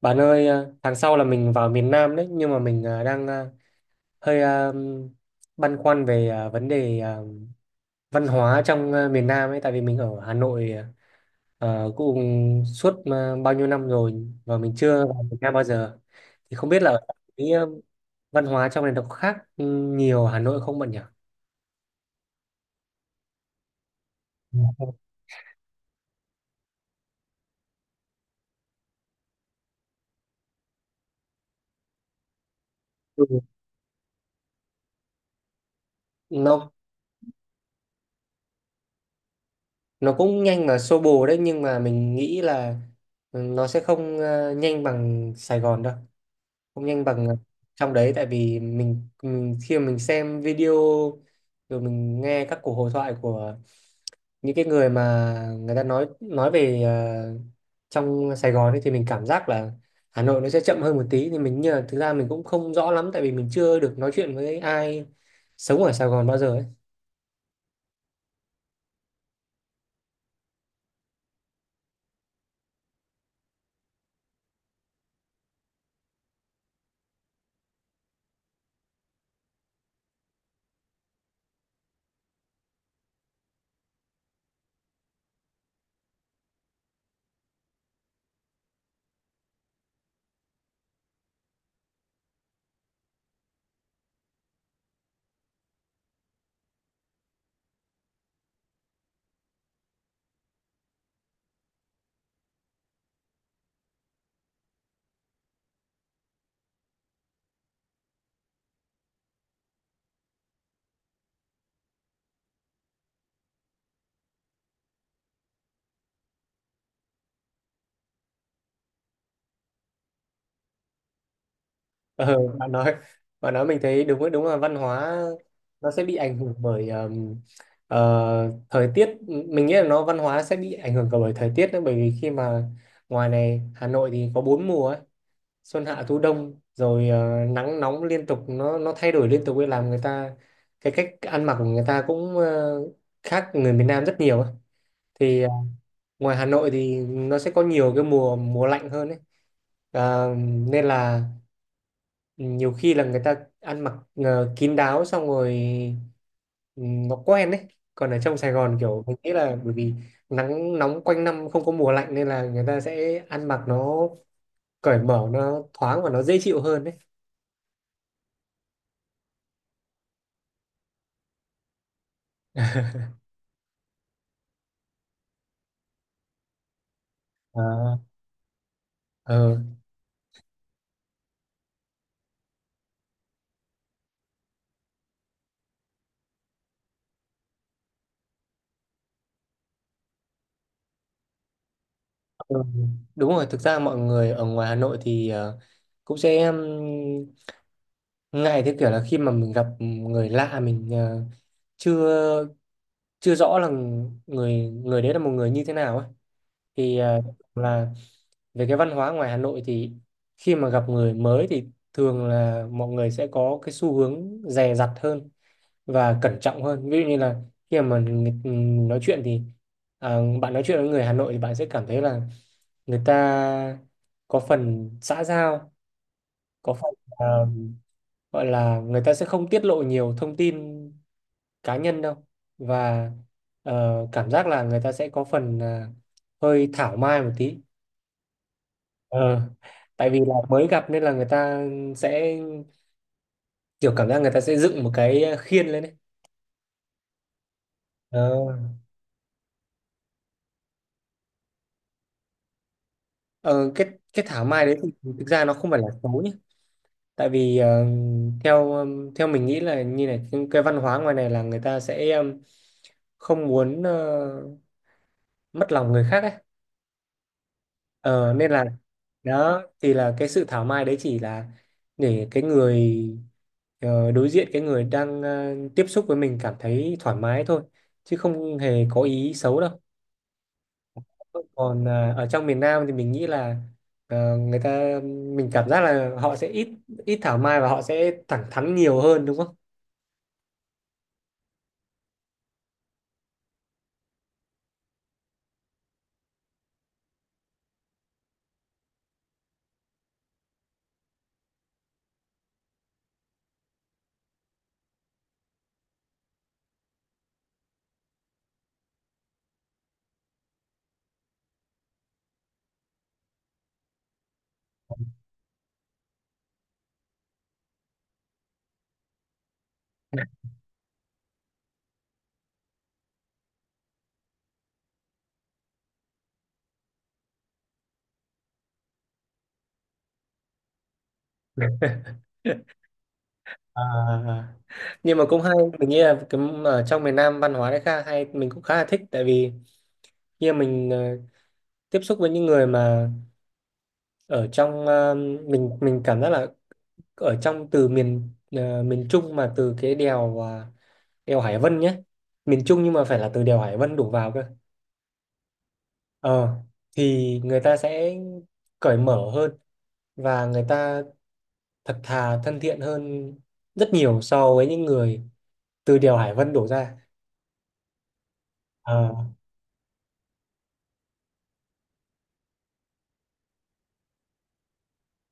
Bạn ơi, tháng sau là mình vào miền Nam đấy, nhưng mà mình đang hơi băn khoăn về vấn đề văn hóa trong miền Nam ấy, tại vì mình ở Hà Nội cũng suốt bao nhiêu năm rồi và mình chưa vào miền Nam bao giờ. Thì không biết là cái văn hóa trong này nó có khác nhiều Hà Nội không bạn nhỉ? Ừ. Nó nó cũng nhanh và xô bồ đấy, nhưng mà mình nghĩ là nó sẽ không nhanh bằng Sài Gòn đâu. Không nhanh bằng trong đấy, tại vì mình khi mà mình xem video rồi mình nghe các cuộc hội thoại của những cái người mà người ta nói về trong Sài Gòn ấy, thì mình cảm giác là Hà Nội nó sẽ chậm hơn một tí, thì mình như là thực ra mình cũng không rõ lắm, tại vì mình chưa được nói chuyện với ai sống ở Sài Gòn bao giờ ấy. Ờ, bạn nói bạn nói mình thấy đúng, đúng là văn hóa nó sẽ bị ảnh hưởng bởi thời tiết. Mình nghĩ là nó văn hóa sẽ bị ảnh hưởng cả bởi thời tiết nữa, bởi vì khi mà ngoài này Hà Nội thì có bốn mùa ấy, xuân hạ thu đông, rồi nắng nóng liên tục, nó thay đổi liên tục ấy, làm người ta cái cách ăn mặc của người ta cũng khác người miền Nam rất nhiều ấy. Thì ngoài Hà Nội thì nó sẽ có nhiều cái mùa mùa lạnh hơn ấy. Ờ, nên là nhiều khi là người ta ăn mặc kín đáo, xong rồi ừ, nó quen đấy. Còn ở trong Sài Gòn kiểu mình nghĩ là bởi vì nắng nóng quanh năm, không có mùa lạnh, nên là người ta sẽ ăn mặc nó cởi mở, nó thoáng và nó dễ chịu hơn đấy. À, ờ, ừ. Đúng rồi, thực ra mọi người ở ngoài Hà Nội thì cũng sẽ ngại, theo kiểu là khi mà mình gặp người lạ, mình chưa chưa rõ là người người đấy là một người như thế nào ấy, thì là về cái văn hóa ngoài Hà Nội thì khi mà gặp người mới thì thường là mọi người sẽ có cái xu hướng dè dặt hơn và cẩn trọng hơn. Ví dụ như là khi mà nói chuyện thì bạn nói chuyện với người Hà Nội thì bạn sẽ cảm thấy là người ta có phần xã giao, có phần à, gọi là người ta sẽ không tiết lộ nhiều thông tin cá nhân đâu, và cảm giác là người ta sẽ có phần hơi thảo mai một tí. Ờ, tại vì là mới gặp nên là người ta sẽ kiểu cảm giác người ta sẽ dựng một cái khiên lên đấy. Ờ, ờ, cái cái thảo mai đấy thì thực ra nó không phải là xấu nhé. Tại vì theo theo mình nghĩ là như này, cái văn hóa ngoài này là người ta sẽ không muốn mất lòng người khác ấy. Ờ, nên là đó thì là cái sự thảo mai đấy chỉ là để cái người đối diện, cái người đang tiếp xúc với mình cảm thấy thoải mái thôi, chứ không hề có ý xấu đâu. Còn ở trong miền Nam thì mình nghĩ là người ta, mình cảm giác là họ sẽ ít ít thảo mai và họ sẽ thẳng thắn nhiều hơn, đúng không? À, nhưng mà cũng hay, mình nghĩ là cái, ở trong miền Nam văn hóa đấy khá hay, mình cũng khá là thích, tại vì khi mà mình tiếp xúc với những người mà ở trong mình cảm giác là ở trong từ miền Trung, mà từ cái đèo đèo Hải Vân nhé, miền Trung nhưng mà phải là từ đèo Hải Vân đổ vào cơ. ờ thì người ta sẽ cởi mở hơn, và người ta thật thà, thân thiện hơn rất nhiều so với những người từ đèo Hải Vân đổ ra. ờ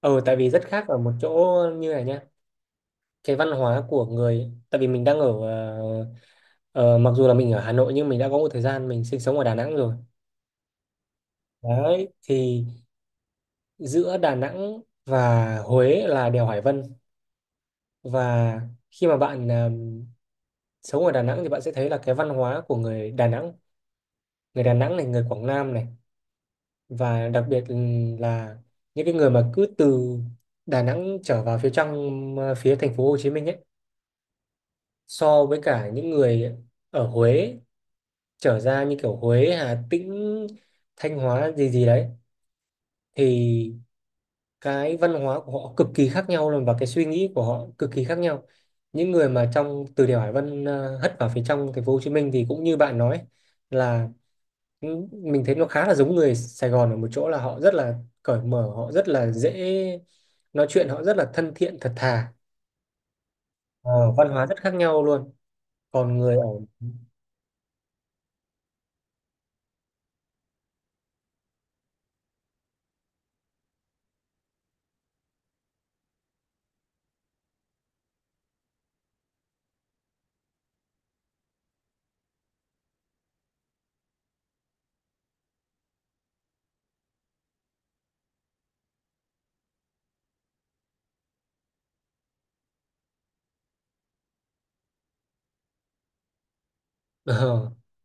ờ Tại vì rất khác ở một chỗ như này nhá, cái văn hóa của người, tại vì mình đang ở ờ, mặc dù là mình ở Hà Nội nhưng mình đã có một thời gian mình sinh sống ở Đà Nẵng rồi. Đấy, thì giữa Đà Nẵng và Huế là đèo Hải Vân, và khi mà bạn sống ở Đà Nẵng thì bạn sẽ thấy là cái văn hóa của người Đà Nẵng, người Đà Nẵng này, người Quảng Nam này, và đặc biệt là những cái người mà cứ từ Đà Nẵng trở vào phía trong, phía thành phố Hồ Chí Minh ấy, so với cả những người ở Huế trở ra, như kiểu Huế, Hà Tĩnh, Thanh Hóa gì gì đấy, thì cái văn hóa của họ cực kỳ khác nhau luôn, và cái suy nghĩ của họ cực kỳ khác nhau. Những người mà trong từ đèo Hải Vân hất vào phía trong thành phố Hồ Chí Minh thì cũng như bạn nói là mình thấy nó khá là giống người Sài Gòn ở một chỗ là họ rất là cởi mở, họ rất là dễ nói chuyện, họ rất là thân thiện, thật thà. Ờ, Văn hóa rất khác nhau luôn. Còn người ở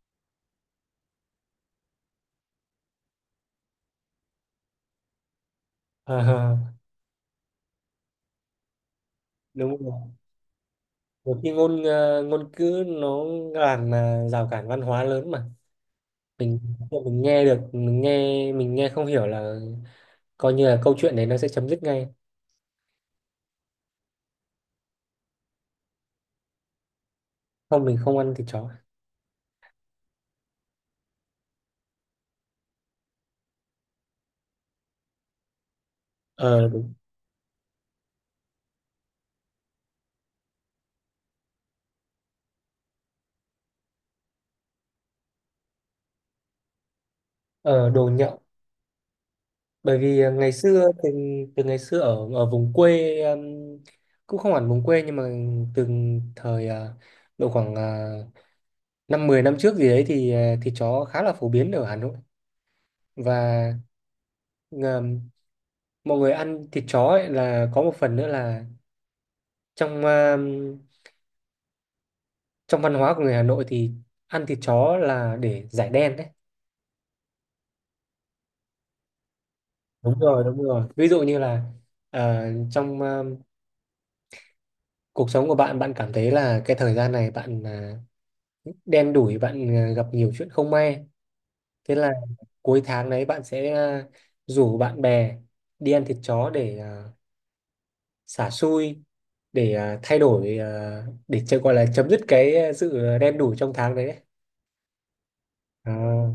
Ờ, ờ, ờ, đúng rồi. Nhiều khi ngôn ngữ nó làm rào cản văn hóa lớn mà. Mình mình nghe được, mình nghe không hiểu là coi như là câu chuyện đấy nó sẽ chấm dứt ngay. Không, mình không ăn thịt chó. Ờ Đúng. Ờ Đồ nhậu. Bởi vì ngày xưa, từ từ ngày xưa ở ở vùng quê, cũng không hẳn vùng quê, nhưng mà từ thời độ khoảng năm 10 năm trước gì đấy thì thịt chó khá là phổ biến ở Hà Nội. Và ờm, mọi người ăn thịt chó ấy là có một phần nữa là trong trong văn hóa của người Hà Nội thì ăn thịt chó là để giải đen đấy. Đúng rồi, đúng rồi, ví dụ như là ờ, trong cuộc sống của bạn, bạn cảm thấy là cái thời gian này bạn đen đủi, bạn gặp nhiều chuyện không may, thế là cuối tháng đấy bạn sẽ rủ bạn bè đi ăn thịt chó để xả xui, để thay đổi, để cho gọi là chấm dứt cái sự đen đủi trong tháng đấy đấy. à,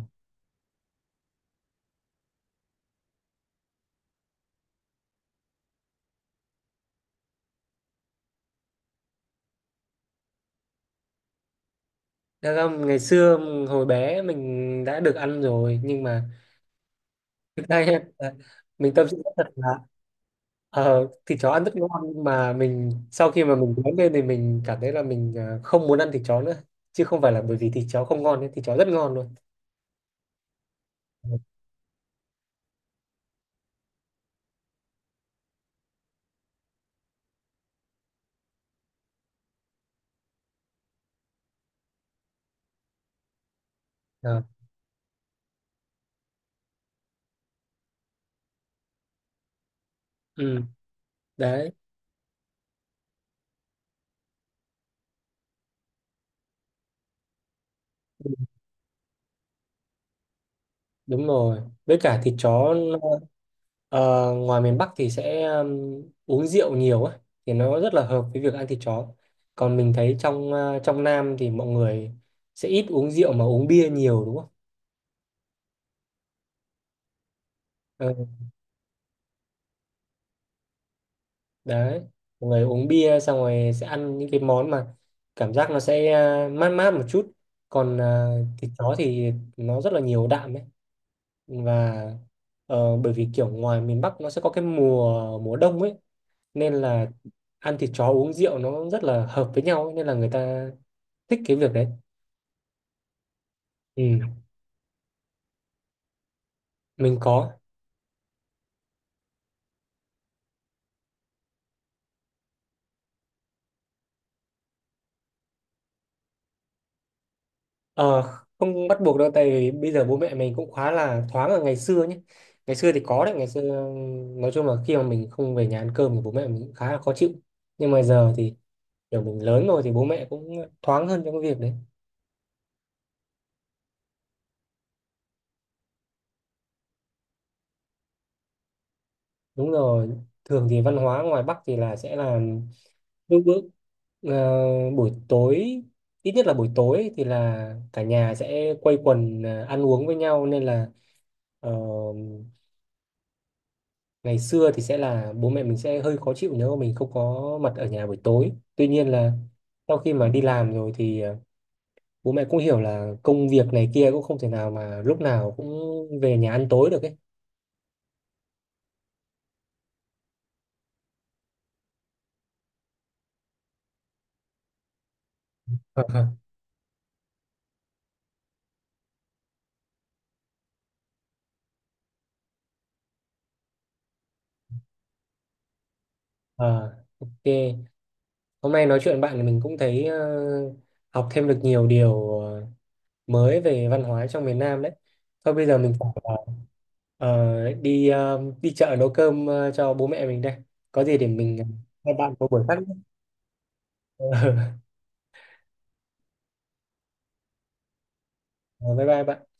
Thật ra ngày xưa hồi bé mình đã được ăn rồi, nhưng mà đây em, mình tâm sự thật là ờ, thịt chó ăn rất ngon, nhưng mà mình sau khi mà mình lớn lên thì mình cảm thấy là mình không muốn ăn thịt chó nữa, chứ không phải là bởi vì thịt chó không ngon ấy, thịt chó rất ngon luôn. Ờ, ừ, đấy, đúng rồi. Với cả thịt chó ờ, ngoài miền Bắc thì sẽ uống rượu nhiều ấy, thì nó rất là hợp với việc ăn thịt chó. Còn mình thấy trong trong Nam thì mọi người sẽ ít uống rượu mà uống bia nhiều, đúng không? Ờ, đấy, mọi người uống bia xong rồi sẽ ăn những cái món mà cảm giác nó sẽ mát mát một chút, còn thịt chó thì nó rất là nhiều đạm ấy. Và bởi vì kiểu ngoài miền Bắc nó sẽ có cái mùa mùa đông ấy, nên là ăn thịt chó uống rượu nó rất là hợp với nhau ấy, nên là người ta thích cái việc đấy. Ừ, mình có. Ờ, không bắt buộc đâu, tại vì bây giờ bố mẹ mình cũng khá là thoáng. Ở ngày xưa nhé, ngày xưa thì có đấy, ngày xưa nói chung là khi mà mình không về nhà ăn cơm thì bố mẹ mình cũng khá là khó chịu, nhưng mà giờ thì kiểu mình lớn rồi thì bố mẹ cũng thoáng hơn trong cái việc đấy. Đúng rồi, thường thì văn hóa ngoài Bắc thì là sẽ là lúc bữa buổi tối, ít nhất là buổi tối thì là cả nhà sẽ quây quần ăn uống với nhau, nên là ờ, ngày xưa thì sẽ là bố mẹ mình sẽ hơi khó chịu nếu mà mình không có mặt ở nhà buổi tối. Tuy nhiên là sau khi mà đi làm rồi thì bố mẹ cũng hiểu là công việc này kia cũng không thể nào mà lúc nào cũng về nhà ăn tối được ấy. Ờ, ok, hôm nay nói chuyện với bạn thì mình cũng thấy học thêm được nhiều điều mới về văn hóa trong miền Nam đấy. Thôi, bây giờ mình ờ, đi chợ nấu cơm cho bố mẹ mình đây, có gì để mình hai bạn có buổi khác nhé. Ờ, bye bye bạn.